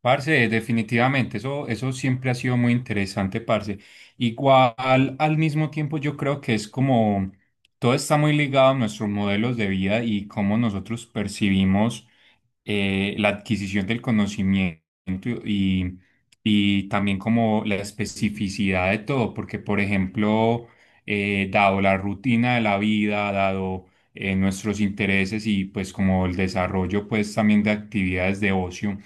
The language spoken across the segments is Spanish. Parce, definitivamente, eso siempre ha sido muy interesante, parce. Igual, al mismo tiempo, yo creo que es como todo está muy ligado a nuestros modelos de vida y cómo nosotros percibimos la adquisición del conocimiento y, y también como la especificidad de todo, porque, por ejemplo, dado la rutina de la vida, dado nuestros intereses y pues como el desarrollo pues también de actividades de ocio,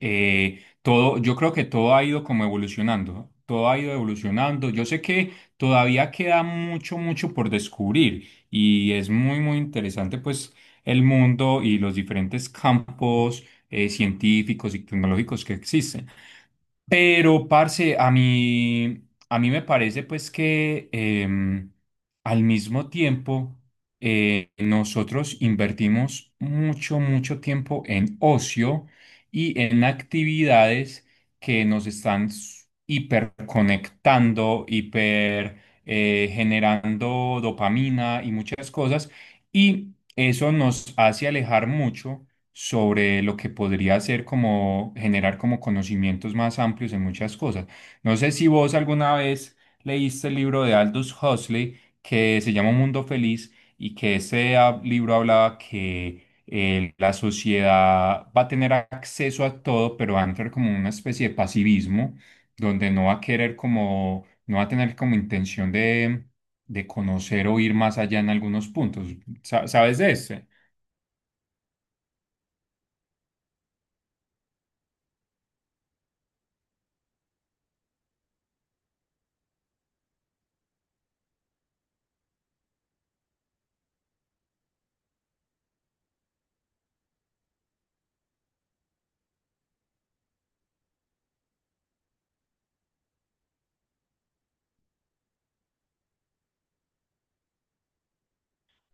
todo, yo creo que todo ha ido como evolucionando, todo ha ido evolucionando. Yo sé que todavía queda mucho, mucho por descubrir y es muy, muy interesante pues el mundo y los diferentes campos científicos y tecnológicos que existen. Pero, parce, a mí me parece pues que al mismo tiempo nosotros invertimos mucho, mucho tiempo en ocio y en actividades que nos están hiperconectando, hiper generando dopamina y muchas cosas. Y eso nos hace alejar mucho sobre lo que podría ser como generar como conocimientos más amplios en muchas cosas. No sé si vos alguna vez leíste el libro de Aldous Huxley que se llama Un Mundo Feliz y que ese libro hablaba que la sociedad va a tener acceso a todo, pero va a entrar como una especie de pasivismo donde no va a querer como, no va a tener como intención de conocer o ir más allá en algunos puntos. ¿Sabes de eso?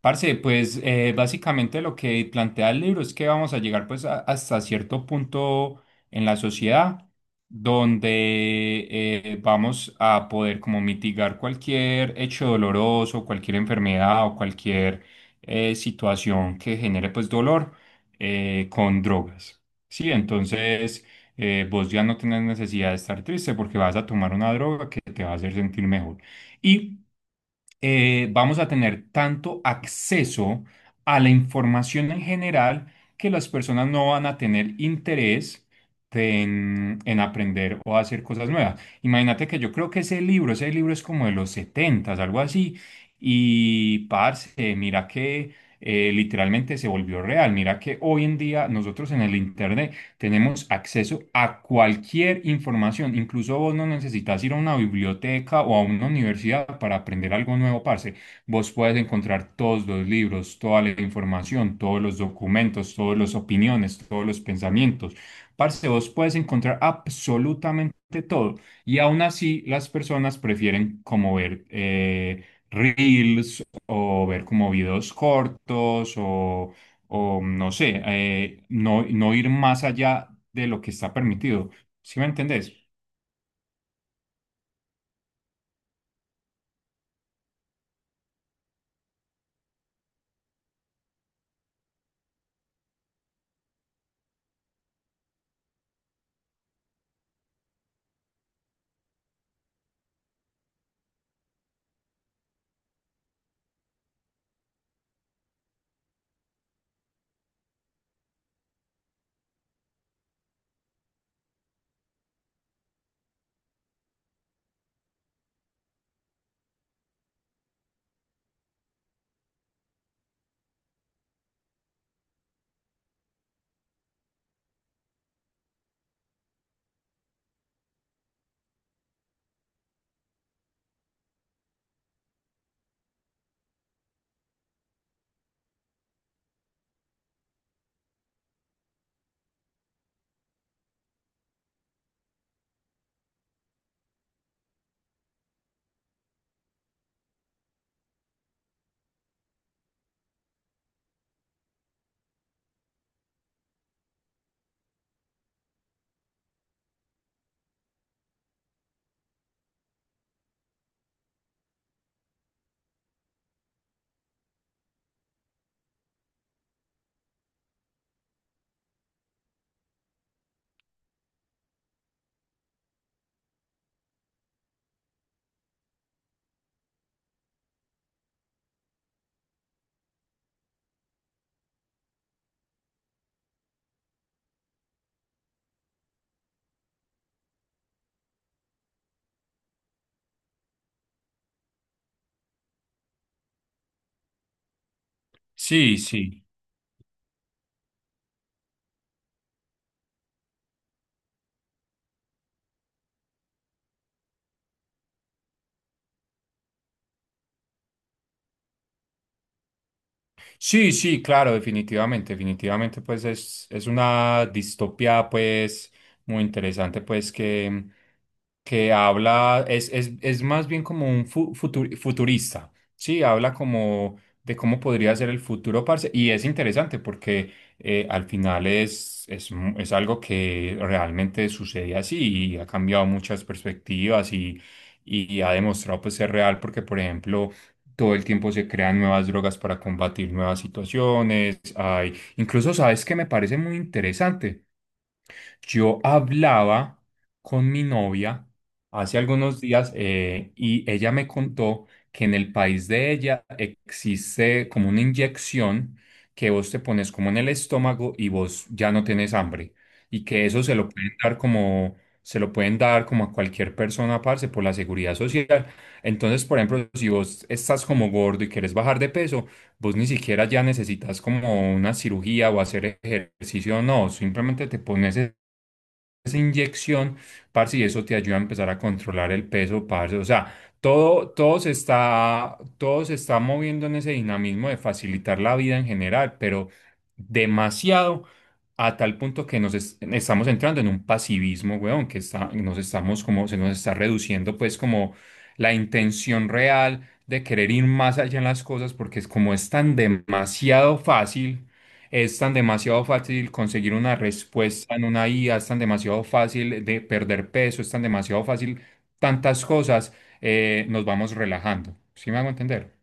Parce, pues básicamente lo que plantea el libro es que vamos a llegar pues hasta cierto punto en la sociedad donde vamos a poder como mitigar cualquier hecho doloroso, cualquier enfermedad o cualquier situación que genere pues dolor con drogas. Sí, entonces vos ya no tenés necesidad de estar triste porque vas a tomar una droga que te va a hacer sentir mejor. Y vamos a tener tanto acceso a la información en general que las personas no van a tener interés en aprender o hacer cosas nuevas. Imagínate que yo creo que ese libro es como de los setentas algo así, y parce, mira que literalmente se volvió real, mira que hoy en día nosotros en el Internet tenemos acceso a cualquier información. Incluso vos no necesitas ir a una biblioteca o a una universidad para aprender algo nuevo, parce. Vos puedes encontrar todos los libros, toda la información, todos los documentos, todas las opiniones, todos los pensamientos. Parce, vos puedes encontrar absolutamente todo. Y aún así, las personas prefieren como ver reels o ver como videos cortos o no sé, no, no ir más allá de lo que está permitido. ¿Sí me entendés? Sí, sí. Sí, sí, claro, definitivamente, definitivamente, pues es una distopía, pues, muy interesante, pues, que habla, es más bien como un futurista, sí, habla como de cómo podría ser el futuro, parce, y es interesante porque al final es, es algo que realmente sucede así y ha cambiado muchas perspectivas y ha demostrado, pues, ser real, porque, por ejemplo, todo el tiempo se crean nuevas drogas para combatir nuevas situaciones. Hay, incluso, ¿sabes que me parece muy interesante? Yo hablaba con mi novia hace algunos días, y ella me contó que en el país de ella existe como una inyección que vos te pones como en el estómago y vos ya no tienes hambre y que eso se lo pueden dar como a cualquier persona, parce, por la seguridad social. Entonces, por ejemplo, si vos estás como gordo y querés bajar de peso, vos ni siquiera ya necesitas como una cirugía o hacer ejercicio, no, simplemente te pones esa inyección, parce, y eso te ayuda a empezar a controlar el peso, parce. O sea, todo, todo se está moviendo en ese dinamismo de facilitar la vida en general, pero demasiado a tal punto que nos estamos entrando en un pasivismo, weón, que está, nos estamos como, se nos está reduciendo pues como la intención real de querer ir más allá en las cosas porque es como es tan demasiado fácil. Es tan demasiado fácil conseguir una respuesta en una IA, es tan demasiado fácil de perder peso, es tan demasiado fácil tantas cosas, nos vamos relajando. ¿Sí me hago entender?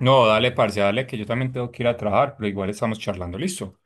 No, dale, parce, dale, que yo también tengo que ir a trabajar, pero igual estamos charlando, listo.